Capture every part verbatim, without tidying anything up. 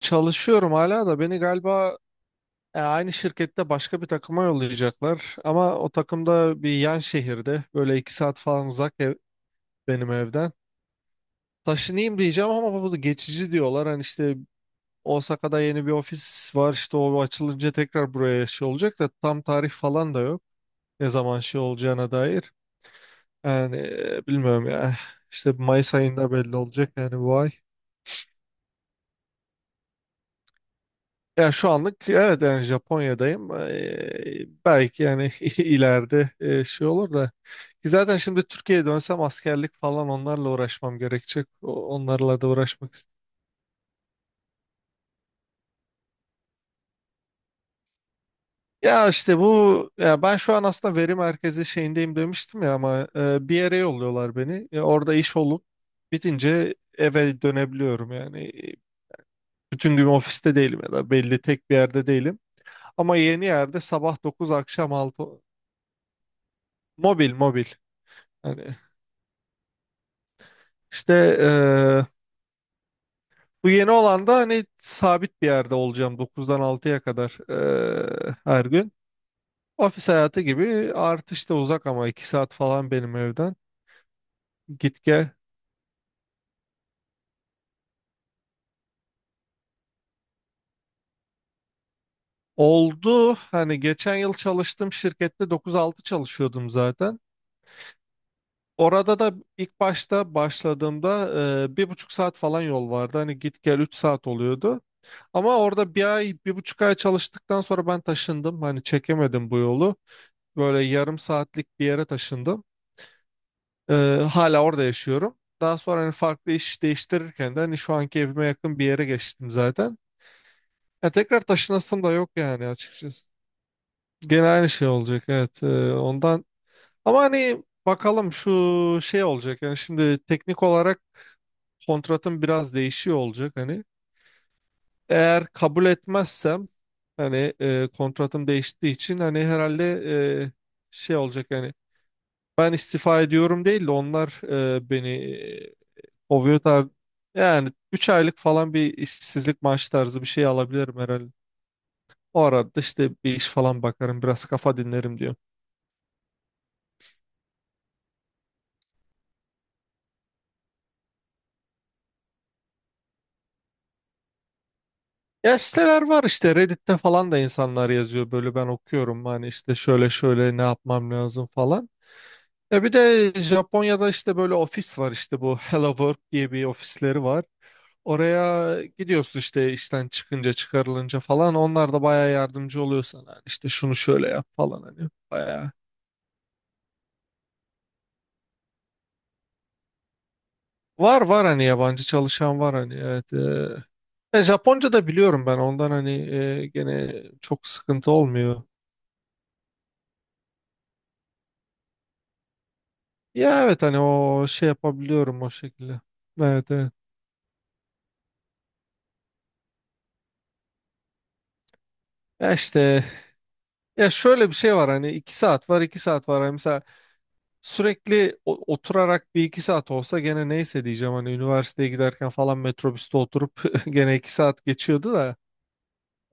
Çalışıyorum hala da beni galiba e, aynı şirkette başka bir takıma yollayacaklar. Ama o takımda bir yan şehirde böyle iki saat falan uzak ev, benim evden. Taşınayım diyeceğim ama bu da geçici diyorlar. Hani işte Osaka'da yeni bir ofis var, işte o açılınca tekrar buraya şey olacak da tam tarih falan da yok. Ne zaman şey olacağına dair. Yani e, bilmiyorum ya. İşte Mayıs ayında belli olacak, yani bu ay. Ya şu anlık evet, yani Japonya'dayım. Eee, belki yani ileride eee, şey olur da. Ki zaten şimdi Türkiye'ye dönsem askerlik falan onlarla uğraşmam gerekecek. O- Onlarla da uğraşmak istiyorum. Ya işte bu, ya ben şu an aslında veri merkezi şeyindeyim demiştim ya, ama eee, bir yere yolluyorlar beni. Ya orada iş olup bitince eve dönebiliyorum yani. Bütün gün ofiste değilim ya da belli tek bir yerde değilim. Ama yeni yerde sabah dokuz akşam altı mobil mobil. Hani, İşte eee, bu yeni olan da hani sabit bir yerde olacağım dokuzdan altıya kadar, eee, her gün. Ofis hayatı gibi artış da uzak, ama iki saat falan benim evden. Git gel. Oldu, hani geçen yıl çalıştığım şirkette dokuz altı çalışıyordum zaten. Orada da ilk başta başladığımda eee, bir buçuk saat falan yol vardı. Hani git gel üç saat oluyordu. Ama orada bir ay, bir buçuk ay çalıştıktan sonra ben taşındım. Hani çekemedim bu yolu. Böyle yarım saatlik bir yere taşındım. Ee, hala orada yaşıyorum. Daha sonra hani farklı iş değiştirirken de hani şu anki evime yakın bir yere geçtim zaten. Ya tekrar taşınasım da yok yani, açıkçası. Gene aynı şey olacak, evet. Ee, ondan, ama hani bakalım şu şey olacak. Yani şimdi teknik olarak kontratım biraz değişiyor olacak, hani. Eğer kabul etmezsem hani e, kontratım değiştiği için hani herhalde e, şey olacak yani, ben istifa ediyorum değil de onlar e, beni e, kovuyor, tar yani üç aylık falan bir işsizlik maaşı tarzı bir şey alabilirim herhalde. O arada işte bir iş falan bakarım, biraz kafa dinlerim diyor. Ya siteler var, işte Reddit'te falan da insanlar yazıyor böyle, ben okuyorum hani işte şöyle şöyle ne yapmam lazım falan. Ya bir de Japonya'da işte böyle ofis var, işte bu Hello Work diye bir ofisleri var. Oraya gidiyorsun işte işten çıkınca, çıkarılınca falan onlar da bayağı yardımcı oluyor sana. Hani işte şunu şöyle yap falan, hani bayağı. Var var, hani yabancı çalışan var, hani evet. E, e, Japonca da biliyorum ben ondan, hani e, gene çok sıkıntı olmuyor. Ya evet, hani o şey yapabiliyorum o şekilde. Evet evet. Ya işte, ya şöyle bir şey var, hani iki saat var iki saat var. Hani mesela sürekli o- oturarak bir iki saat olsa gene neyse diyeceğim hani, üniversiteye giderken falan metrobüste oturup gene iki saat geçiyordu da.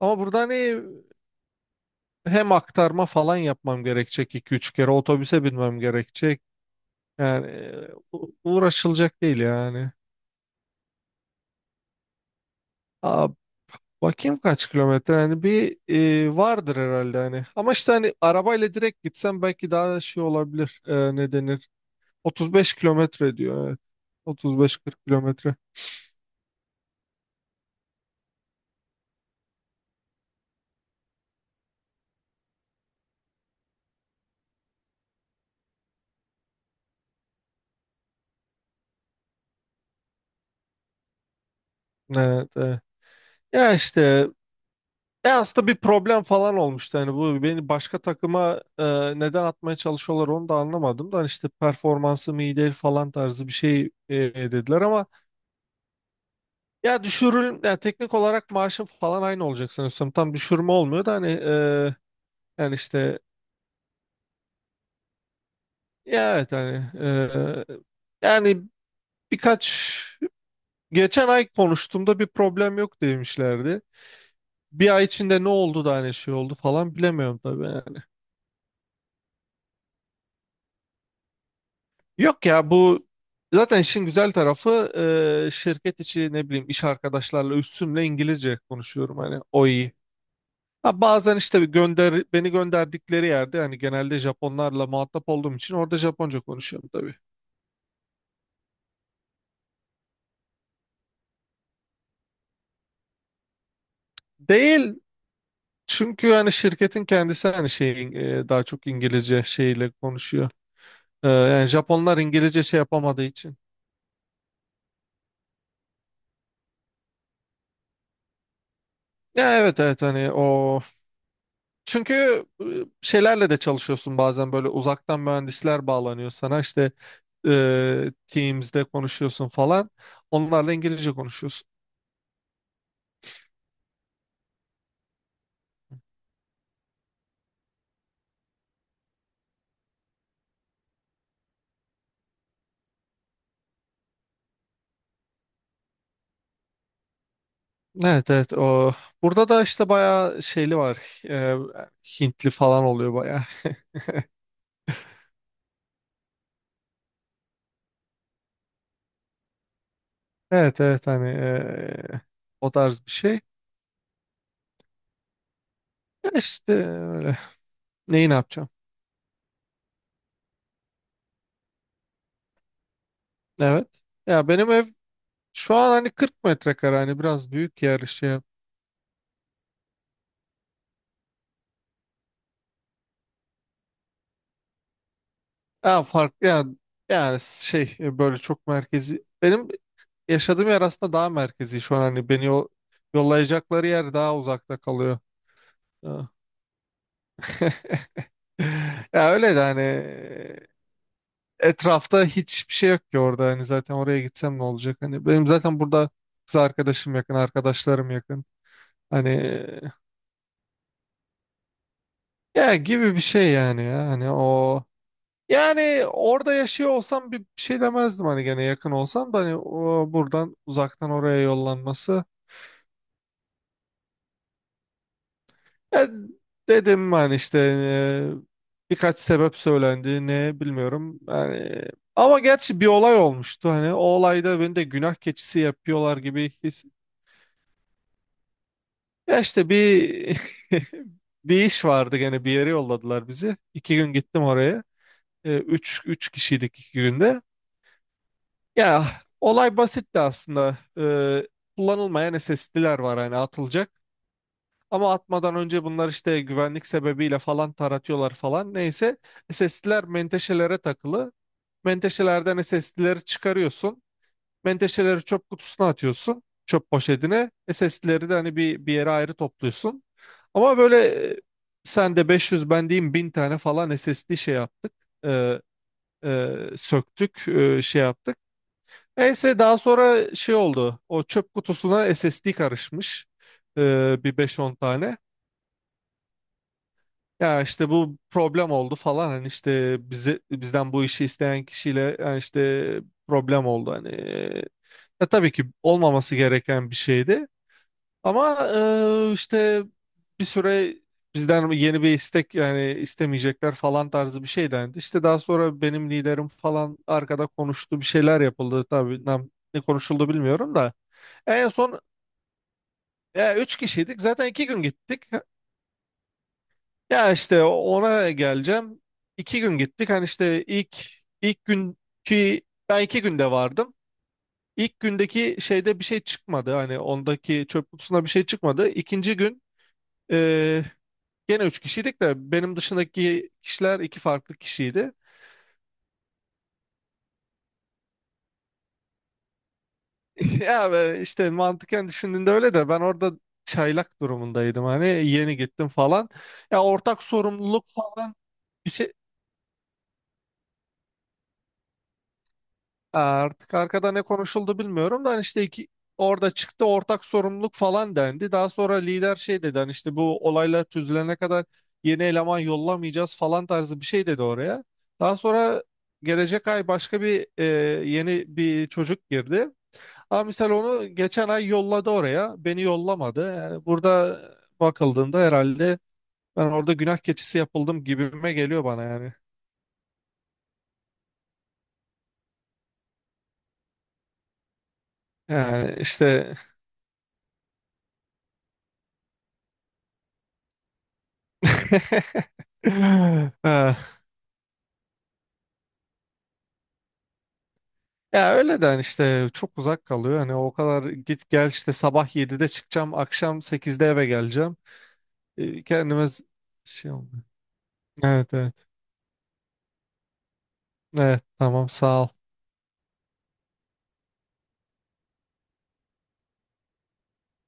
Ama burada hani hem aktarma falan yapmam gerekecek, iki üç kere otobüse binmem gerekecek. Yani e, u- uğraşılacak değil yani. Bakayım kaç kilometre, hani bir e, vardır herhalde hani. Ama işte hani arabayla direkt gitsem belki daha şey olabilir. E, ne denir? otuz beş kilometre diyor. Evet. otuz beş kırk kilometre. Evet, evet. Ya işte, e aslında bir problem falan olmuştu. Hani bu beni başka takıma e, neden atmaya çalışıyorlar onu da anlamadım. Da hani işte performansım iyi değil falan tarzı bir şey e, dediler, ama ya düşürül, ya teknik olarak maaşım falan aynı olacak sanıyorsam. Tam düşürme olmuyor da hani e, yani işte, ya evet hani e, yani birkaç geçen ay konuştuğumda bir problem yok demişlerdi. Bir ay içinde ne oldu da hani şey oldu falan bilemiyorum tabii yani. Yok ya, bu zaten işin güzel tarafı, e, şirket içi ne bileyim iş arkadaşlarla üstümle İngilizce konuşuyorum, hani o iyi. Ha, bazen işte bir gönder, beni gönderdikleri yerde hani genelde Japonlarla muhatap olduğum için orada Japonca konuşuyorum tabii. Değil. Çünkü yani şirketin kendisi hani şeyin e, daha çok İngilizce şeyle konuşuyor. E, yani Japonlar İngilizce şey yapamadığı için. Ya evet evet, hani o, çünkü e, şeylerle de çalışıyorsun bazen, böyle uzaktan mühendisler bağlanıyor sana, işte e, Teams'de konuşuyorsun falan. Onlarla İngilizce konuşuyorsun. Evet evet, o burada da işte bayağı şeyli var. E, Hintli falan oluyor bayağı. Evet evet, hani eee, o tarz bir şey. Ya işte öyle. Neyi ne yapacağım? Evet. Ya benim ev şu an hani kırk metrekare, hani biraz büyük yer şey. Ya farklı, ya yani şey, e, böyle çok merkezi. Benim yaşadığım yer aslında daha merkezi şu an, hani beni o yollayacakları yer daha uzakta kalıyor. Ya ya öyle de hani e, etrafta hiçbir şey yok ki orada, hani zaten oraya gitsem ne olacak, hani benim zaten burada kız arkadaşım yakın, arkadaşlarım yakın, hani, ya gibi bir şey yani, ya hani o. Yani orada yaşıyor olsam bir bir şey demezdim, hani gene yakın olsam da, hani o buradan uzaktan oraya yollanması. E, dedim hani işte e, birkaç sebep söylendi, ne bilmiyorum yani, ama gerçi bir olay olmuştu, hani o olayda beni de günah keçisi yapıyorlar gibi his. Ya işte bir bir iş vardı gene, bir yere yolladılar bizi. İki gün gittim oraya. E, üç, üç kişiydik iki günde. Ya olay basitti aslında. Ee, kullanılmayan S S D'ler var hani, atılacak. Ama atmadan önce bunlar işte güvenlik sebebiyle falan taratıyorlar falan. Neyse, S S D'ler menteşelere takılı. Menteşelerden S S D'leri çıkarıyorsun. Menteşeleri çöp kutusuna atıyorsun. Çöp poşetine. S S D'leri de hani bir, bir yere ayrı topluyorsun. Ama böyle e, sen de beş yüz, ben diyeyim bin tane falan S S D şey yaptık. Ee, e, söktük, e, şey yaptık. Neyse daha sonra şey oldu. O çöp kutusuna S S D karışmış. Ee, bir beş on tane. Ya işte bu problem oldu falan. Hani işte bize, bizden bu işi isteyen kişiyle yani işte problem oldu. Hani e, ya tabii ki olmaması gereken bir şeydi. Ama e, işte bir süre bizden yeni bir istek yani istemeyecekler falan tarzı bir şey dendi. İşte daha sonra benim liderim falan arkada konuştu. Bir şeyler yapıldı. Tabii ne ne konuşuldu bilmiyorum da. En son, ya üç kişiydik. Zaten iki gün gittik. Ya işte ona geleceğim. İki gün gittik. Hani işte ilk ilk günkü, ben iki günde vardım. İlk gündeki şeyde bir şey çıkmadı. Hani ondaki çöp kutusunda bir şey çıkmadı. İkinci gün e, gene üç kişiydik de benim dışındaki kişiler iki farklı kişiydi. Ya ve işte mantıken düşündüğünde öyle de ben orada çaylak durumundaydım. Hani yeni gittim falan. Ya ortak sorumluluk falan bir şey. Ee, Artık arkada ne konuşuldu bilmiyorum da, hani işte iki, orada çıktı ortak sorumluluk falan dendi. Daha sonra lider şey dedi, hani işte bu olaylar çözülene kadar yeni eleman yollamayacağız falan tarzı bir şey dedi oraya. Daha sonra gelecek ay başka bir e, yeni bir çocuk girdi. Ama misal onu geçen ay yolladı oraya. Beni yollamadı. Yani burada bakıldığında herhalde ben orada günah keçisi yapıldım gibime geliyor bana yani. Yani işte Ya öyle de hani işte çok uzak kalıyor. Hani o kadar git gel, işte sabah yedide çıkacağım, akşam sekizde eve geleceğim. E, Kendime z- şey olmuyor. Evet evet. Evet tamam, sağ ol.